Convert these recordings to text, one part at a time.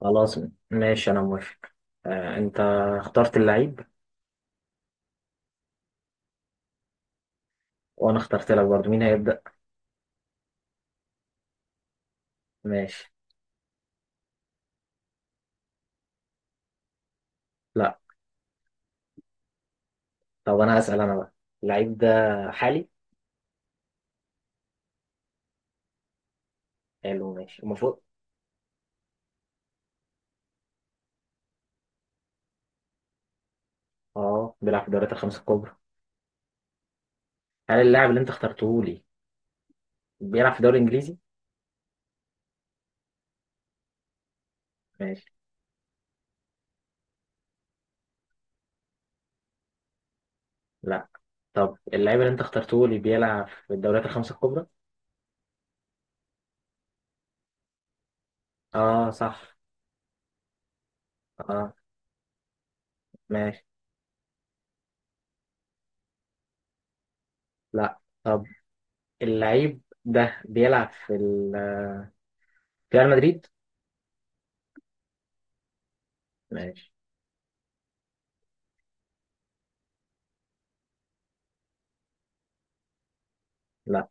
خلاص. ماشي، انا موافق. آه انت اخترت اللعيب. وانا اخترت لك برضه، مين هيبدأ؟ ماشي. لا، طب انا هسأل انا بقى. اللعيب ده حالي؟ حلو ماشي المفروض. اه بيلعب في الدوريات الخمسة الكبرى. هل اللاعب اللي انت اخترته لي بيلعب في الدوري الانجليزي؟ ماشي. لا، طب اللعيب اللي انت اخترته لي بيلعب في الدوريات الخمسة الكبرى؟ اه صح. اه ماشي. لا، طب اللعيب ده بيلعب في ريال مدريد؟ ماشي. لا،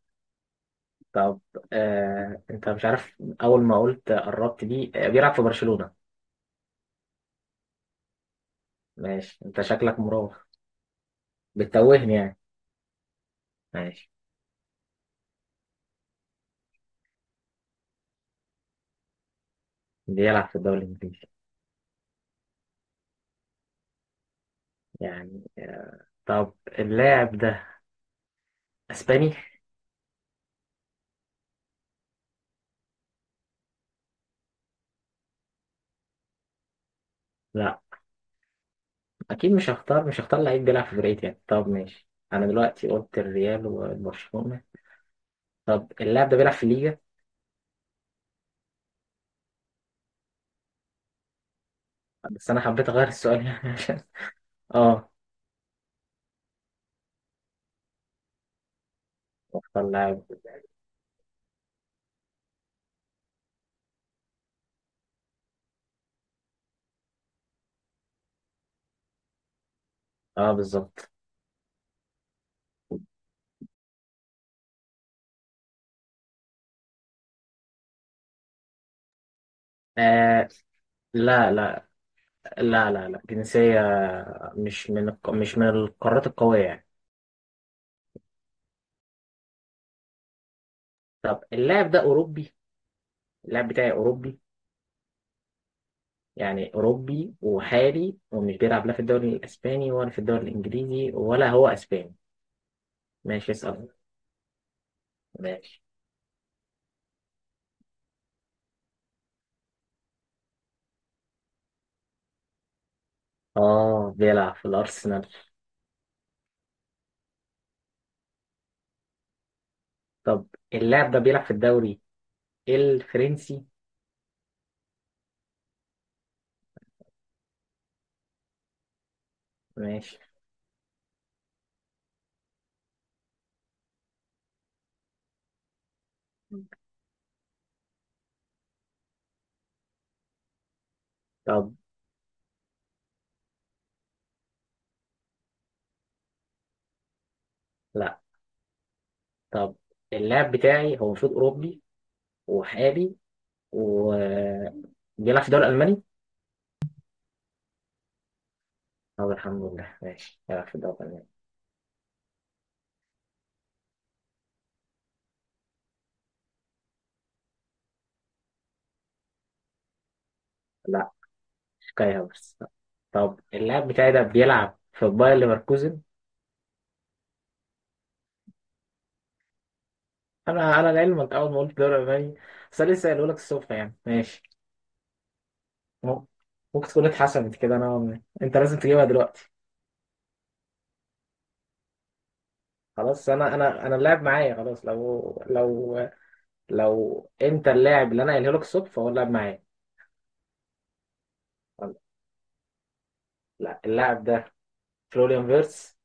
طب انت مش عارف. اول ما قلت قربت دي بيلعب في برشلونة؟ ماشي، انت شكلك مراوغ، بتتوهني يعني. ماشي، بيلعب في الدوري الانجليزي. يعني طب اللاعب ده اسباني؟ لا، اكيد مش هختار لعيب بيلعب في فرقتي يعني. طب ماشي، انا دلوقتي قلت الريال وبرشلونة. طب اللاعب ده بيلعب في الليجا؟ بس انا حبيت اغير السؤال يعني عشان. اه، اختار لاعب. اه بالظبط. آه لا لا لا لا، لا جنسية، مش من القارات القوية يعني. طب اللاعب ده أوروبي؟ اللاعب بتاعي أوروبي. يعني أوروبي وحالي ومش بيلعب لا في الدوري الأسباني ولا في الدوري الإنجليزي ولا هو أسباني. ماشي اسأل. ماشي. آه بيلعب في الأرسنال. طب اللاعب ده بيلعب في الدوري الفرنسي؟ ماشي. طب لا، طب اللاعب بتاعي هو المفروض أوروبي وحالي وبيلعب في الدوري الألماني. طب الحمد لله، ماشي يلعب في الدوري الألماني. لا، شكاية بس. طب اللاعب بتاعي ده بيلعب في باير ليفركوزن؟ أنا على لعلمك أول ما قلت الدوري الألماني، بس أنا لسه قايله لك الصبح يعني. ماشي. مم- ممكن تكون اتحسنت كده نوعا ما، أنت لازم تجيبها دلوقتي. خلاص، أنا اللاعب معايا خلاص. لو لو أنت اللاعب اللي أنا قايله لك الصبح فهو اللاعب معايا. لا، اللاعب ده فلوريان فيرتس.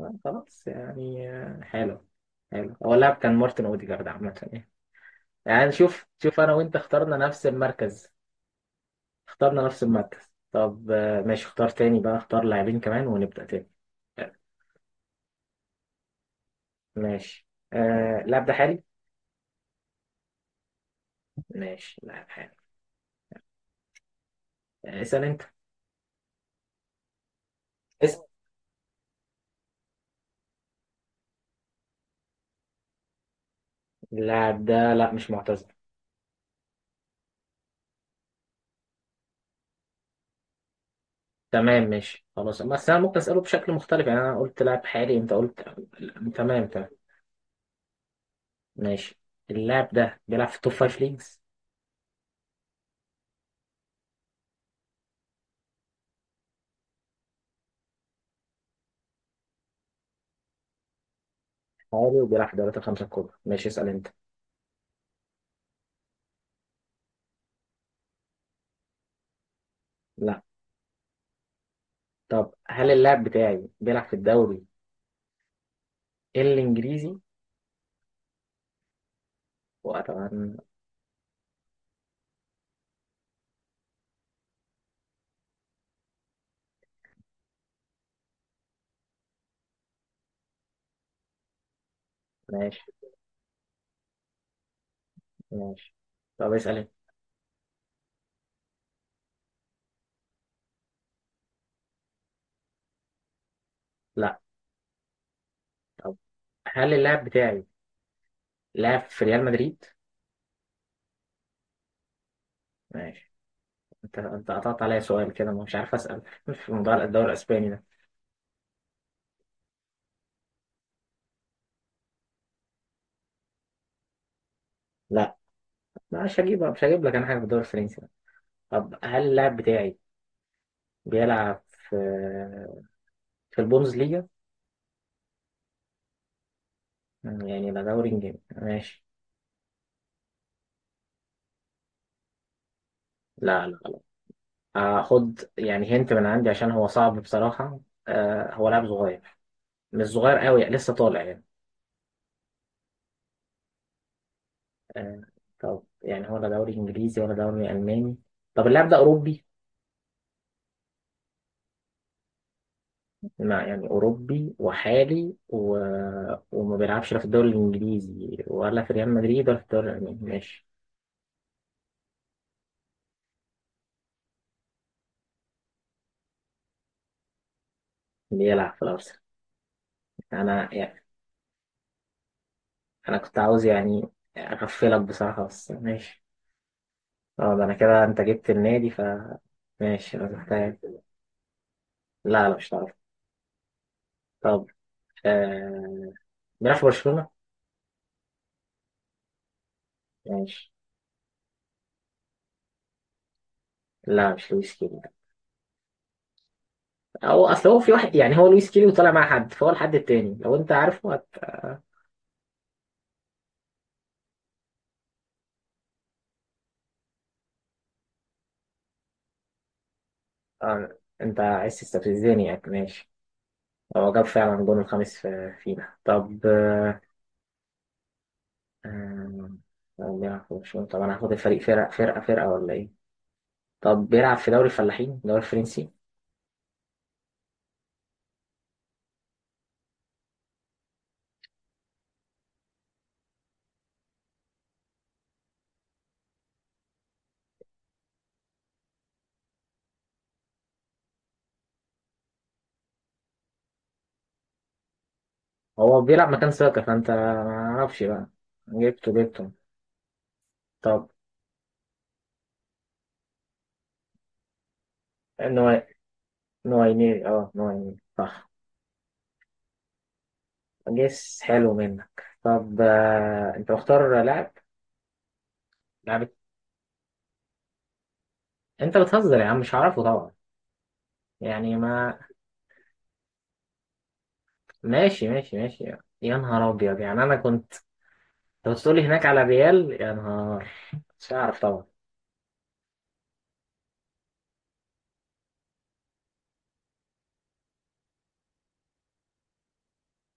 خلاص يعني، حلو. حلو، هو اللاعب كان مارتن أوديجارد عامة يعني. يعني شوف شوف انا وانت اخترنا نفس المركز. اخترنا نفس المركز. طب ماشي، اختار تاني بقى، اختار لاعبين كمان ونبدأ تاني. آه، ماشي. آه اللاعب ده حالي. ماشي، لاعب حالي. اسأل انت. اسأل. اللاعب ده لا مش معتزل. تمام ماشي خلاص، بس انا ممكن اسأله بشكل مختلف يعني. انا قلت لاعب حالي، انت قلت تمام تمام. ماشي. اللاعب ده بيلعب في التوب فايف ليجز، حالي وبيلعب في الدوريات الخمسة الكبرى. ماشي اسأل انت. لا، طب هل اللاعب بتاعي بيلعب في الدوري الانجليزي؟ وأتمنى. ماشي. ماشي، طب اسأل انت. لا، طب هل اللاعب بتاعي لعب في ريال مدريد؟ ماشي، انت قطعت عليا سؤال كده، مش عارف اسأل في موضوع الدوري الاسباني ده. لا، مش هجيب لك انا حاجة في الدوري الفرنسي ده. طب هل اللاعب بتاعي بيلعب في البوندسليجا؟ يعني لا دوري انجليزي. ماشي. لا لا لا، هاخد يعني هنت من عندي عشان هو صعب بصراحة. آه هو لاعب صغير، مش صغير قوي، لسه طالع يعني. آه، طب يعني ولا دوري انجليزي ولا دوري الماني. طب اللاعب ده اوروبي؟ لا، يعني اوروبي وحالي و... وما بيلعبش لا في الدوري الانجليزي ولا في ريال مدريد ولا في الدوري الالماني. ماشي، بيلعب في الارسنال. انا يعني، انا كنت عاوز يعني اغفلك بصراحه بس ماشي. اه ده انا كده، انت جبت النادي ف. ماشي انا محتاج. لا لا، مش هتعرف. طب آه... بيلعب في برشلونه. ماشي. لا مش لويس كده. هو اصل هو في واحد يعني، هو لويس كيلي وطالع مع حد، فهو الحد التاني لو انت عارفه هت... انت عايز تستفزني يعني. ماشي، هو جاب فعلا جون الخامس فينا. طب هو بيلعب في برشلونة. طب انا هاخد الفريق، فرقة فرقة فرقة ولا ايه؟ طب بيلعب في دوري الفلاحين، الدوري الفرنسي. هو بيلعب مكان ساكا، فانت ما اعرفش بقى. جبته جبته. طب نوع نوعيني، اه نوعيني صح. جيس حلو منك. طب انت مختار لاعب؟ لاعب إيه؟ انت بتهزر يا عم، مش هعرفه طبعا يعني ما. ماشي ماشي ماشي. يا نهار ابيض، يعني انا كنت لو تقولي هناك على ريال، يا نهار، مش هعرف طبعا.